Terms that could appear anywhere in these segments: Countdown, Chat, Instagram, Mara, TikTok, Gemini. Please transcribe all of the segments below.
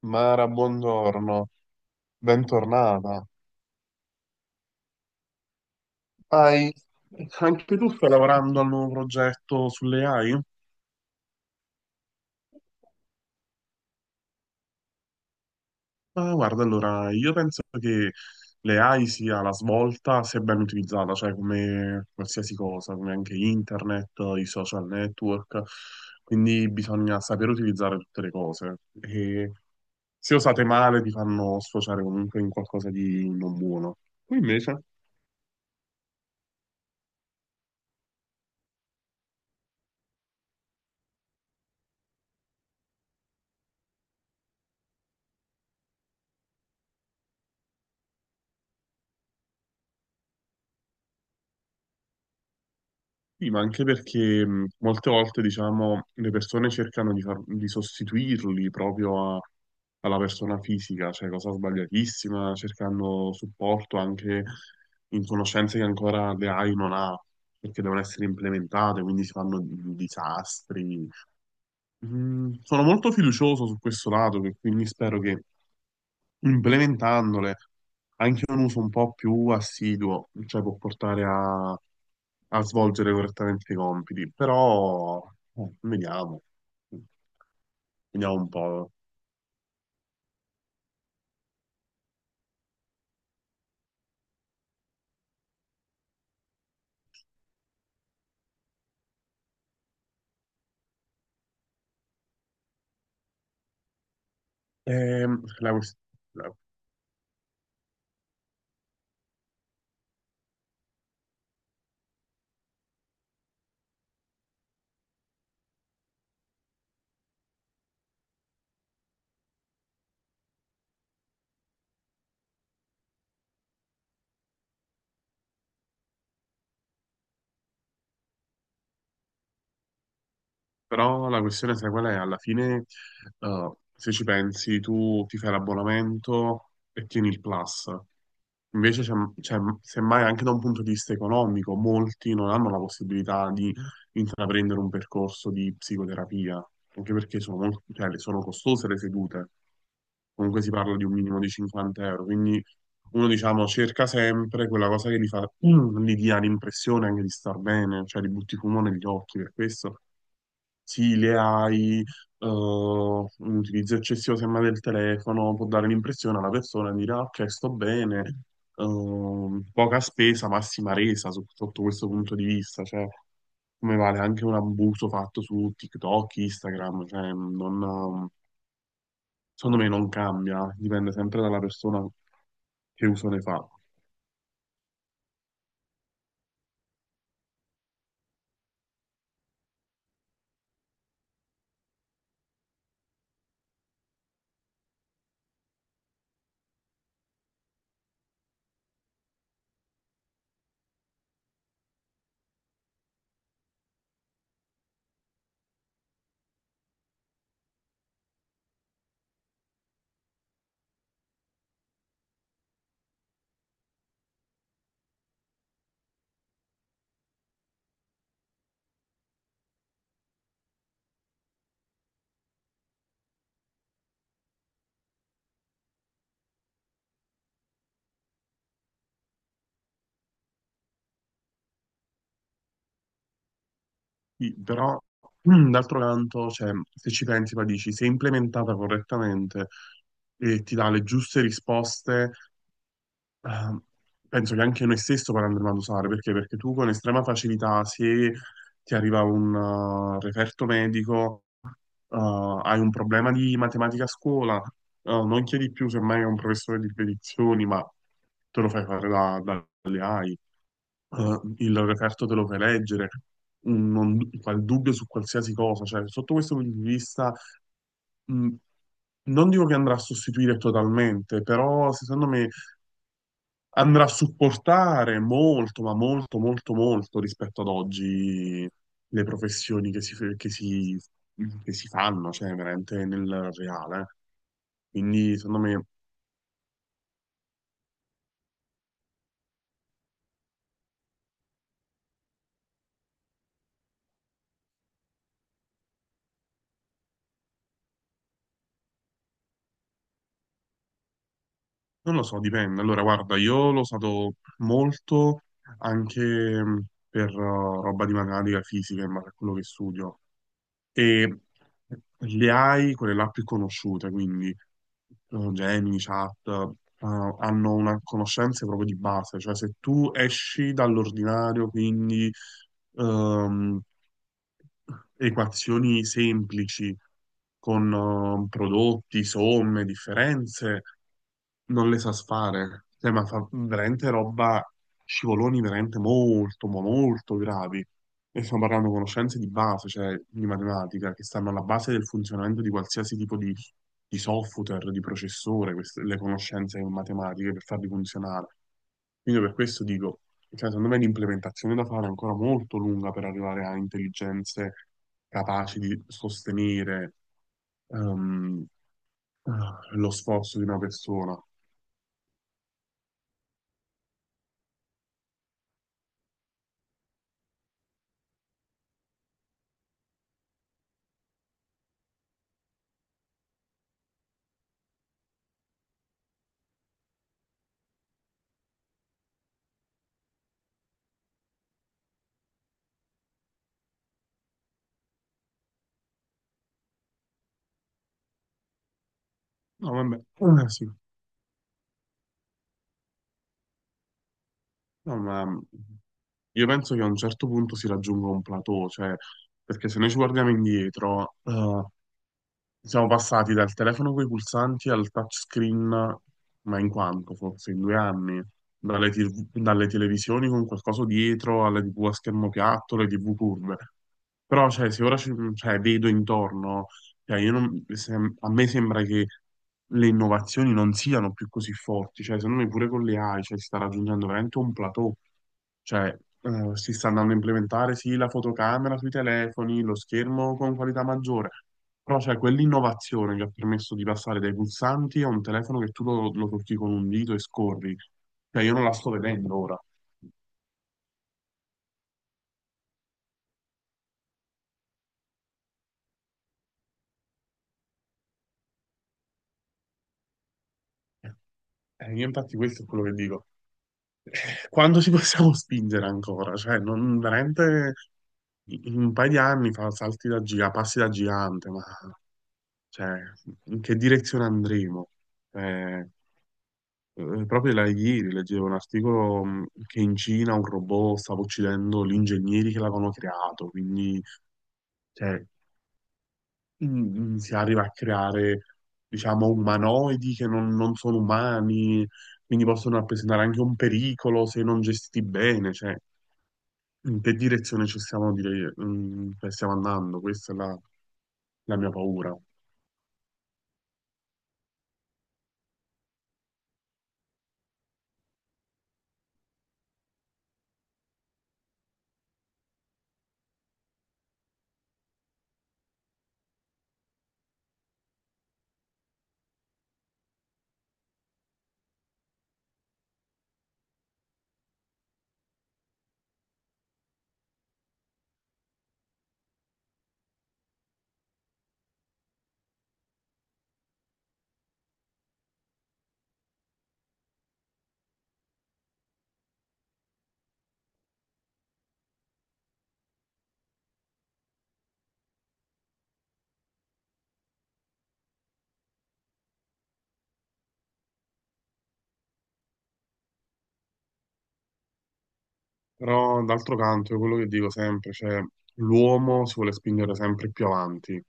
Mara, buongiorno, bentornata. Hai, anche tu stai lavorando al nuovo progetto sulle AI? Ma guarda, allora, io penso che le AI sia la svolta se ben utilizzata, cioè come qualsiasi cosa, come anche internet, i social network, quindi bisogna sapere utilizzare tutte le cose. E se usate male ti fanno sfociare comunque in qualcosa di non buono. Tu invece? Sì, ma anche perché molte volte, diciamo, le persone cercano di sostituirli proprio alla persona fisica, cioè cosa sbagliatissima, cercando supporto anche in conoscenze che ancora le AI non ha, perché devono essere implementate, quindi si fanno disastri. Sono molto fiducioso su questo lato, che quindi spero che implementandole anche un uso un po' più assiduo, cioè può portare a svolgere correttamente i compiti, però vediamo, vediamo un po'. Ehm, la, quest- Però la questione, sai qual è? Alla fine, se ci pensi, tu ti fai l'abbonamento e tieni il Plus. Invece, semmai anche da un punto di vista economico, molti non hanno la possibilità di intraprendere un percorso di psicoterapia, anche perché sono, molto, cioè, sono costose le sedute. Comunque si parla di un minimo di 50 euro, quindi uno, diciamo, cerca sempre quella cosa che gli fa, gli dia l'impressione anche di star bene, cioè li butti fumo negli occhi per questo. Sì, le AI, un utilizzo eccessivo semmai del telefono può dare l'impressione alla persona di dire "Ah, ok, sto bene, poca spesa, massima resa sotto questo punto di vista, cioè come vale anche un abuso fatto su TikTok, Instagram, cioè non, secondo me non cambia, dipende sempre dalla persona che uso ne fa. Sì, però d'altro canto, cioè, se ci pensi, poi dici, se implementata correttamente e ti dà le giuste risposte, eh, penso che anche noi stesso poi andremo ad usare, perché? Perché tu con estrema facilità, se ti arriva un referto medico, eh, hai un problema di matematica a scuola, non chiedi più semmai a un professore di spedizioni, ma te lo fai fare dalle AI il referto te lo fai leggere, mm, non, qual dubbio su qualsiasi cosa, cioè sotto questo punto di vista mm, non dico che andrà a sostituire totalmente, però secondo me andrà a supportare molto, ma molto, molto, molto rispetto ad oggi le professioni che si fanno, cioè veramente nel reale. Quindi secondo me non lo so, dipende. Allora, guarda, io l'ho usato molto anche per roba di matematica fisica, ma per quello che studio. E le AI, quelle là più conosciute, quindi Gemini, Chat, hanno una conoscenza proprio di base. Cioè, se tu esci dall'ordinario, quindi ehm, equazioni semplici con prodotti, somme, differenze non le sa fare. Cioè, ma fa veramente roba, scivoloni veramente molto, ma molto gravi. E stiamo parlando di conoscenze di base, cioè di matematica, che stanno alla base del funzionamento di qualsiasi tipo di software, di processore, le conoscenze matematiche per farli funzionare. Quindi per questo dico, cioè, secondo me l'implementazione da fare è ancora molto lunga per arrivare a intelligenze capaci di sostenere ehm, lo sforzo di una persona. No, vabbè, sì. No, ma io penso che a un certo punto si raggiunga un plateau, cioè, perché se noi ci guardiamo indietro, siamo passati dal telefono con i pulsanti al touchscreen, ma in quanto forse in 2 anni, TV dalle televisioni con qualcosa dietro alle TV a schermo piatto, le TV curve. Però, cioè, se ora cioè, vedo intorno, cioè, io non- se- a me sembra che le innovazioni non siano più così forti, cioè, secondo me pure con le AI, cioè, si sta raggiungendo veramente un plateau. Cioè, si sta andando a implementare sì la fotocamera sui telefoni, lo schermo con qualità maggiore, però c'è quell'innovazione che ha permesso di passare dai pulsanti a un telefono che tu lo tocchi con un dito e scorri. Cioè, io non la sto vedendo ora. Io infatti questo è quello che dico. Quando ci possiamo spingere ancora? Cioè, non, veramente in un paio di anni fa salti da gigante, passi da gigante, ma cioè, in che direzione andremo? Eh, Proprio là ieri leggevo un articolo che in Cina un robot stava uccidendo gli ingegneri che l'avevano creato, quindi cioè, mh, si arriva a creare, diciamo, umanoidi che non, non sono umani, quindi possono rappresentare anche un pericolo se non gestiti bene, cioè, in che direzione ci stiamo, stiamo andando? Questa è la la mia paura. Però d'altro canto è quello che dico sempre, cioè l'uomo si vuole spingere sempre più avanti,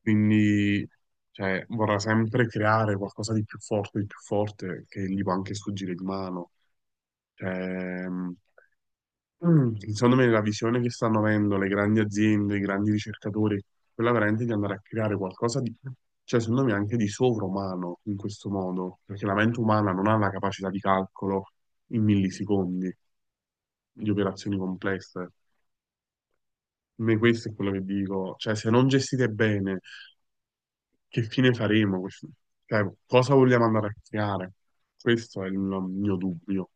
quindi cioè, vorrà sempre creare qualcosa di più forte, che gli può anche sfuggire di mano. Cioè, secondo me la visione che stanno avendo le grandi aziende, i grandi ricercatori, quella veramente di andare a creare qualcosa di, cioè secondo me anche di sovrumano in questo modo, perché la mente umana non ha la capacità di calcolo in millisecondi di operazioni complesse. Me questo è quello che dico, cioè se non gestite bene, che fine faremo? Cioè, cosa vogliamo andare a creare? Questo è il mio dubbio.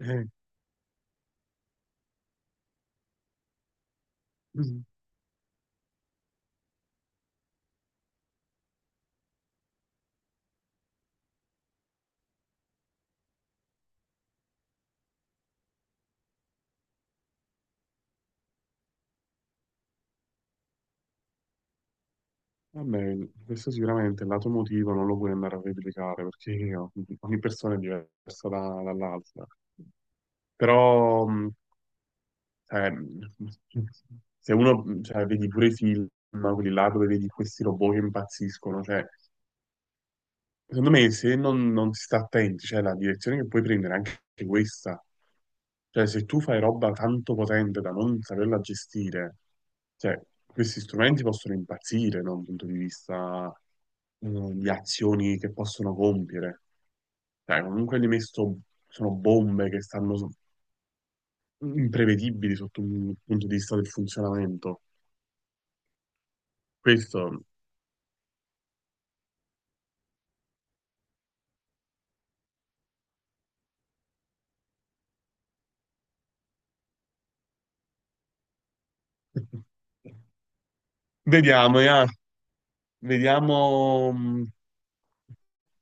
Eh, mm, vabbè, questo sicuramente il lato emotivo non lo puoi andare a replicare perché ogni persona è diversa dall'altra. Però, eh, se uno, cioè, vedi pure i film, quelli là dove vedi questi robot che impazziscono, cioè secondo me, se non, non si sta attenti, cioè la direzione che puoi prendere è anche questa. Cioè, se tu fai roba tanto potente da non saperla gestire, cioè, questi strumenti possono impazzire, da un punto di vista, eh, di azioni che possono compiere. Cioè, comunque li messo, sono bombe che imprevedibili sotto un punto di vista del funzionamento. Questo... Vediamo, ya. Vediamo...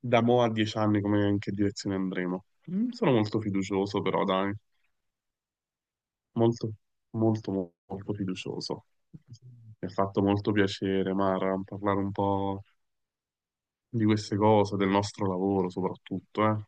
da mo' a 10 anni come in che direzione andremo? Sono molto fiducioso però, dai, molto, molto, molto fiducioso. Mi ha fatto molto piacere, Mara, parlare un po' di queste cose, del nostro lavoro soprattutto, eh.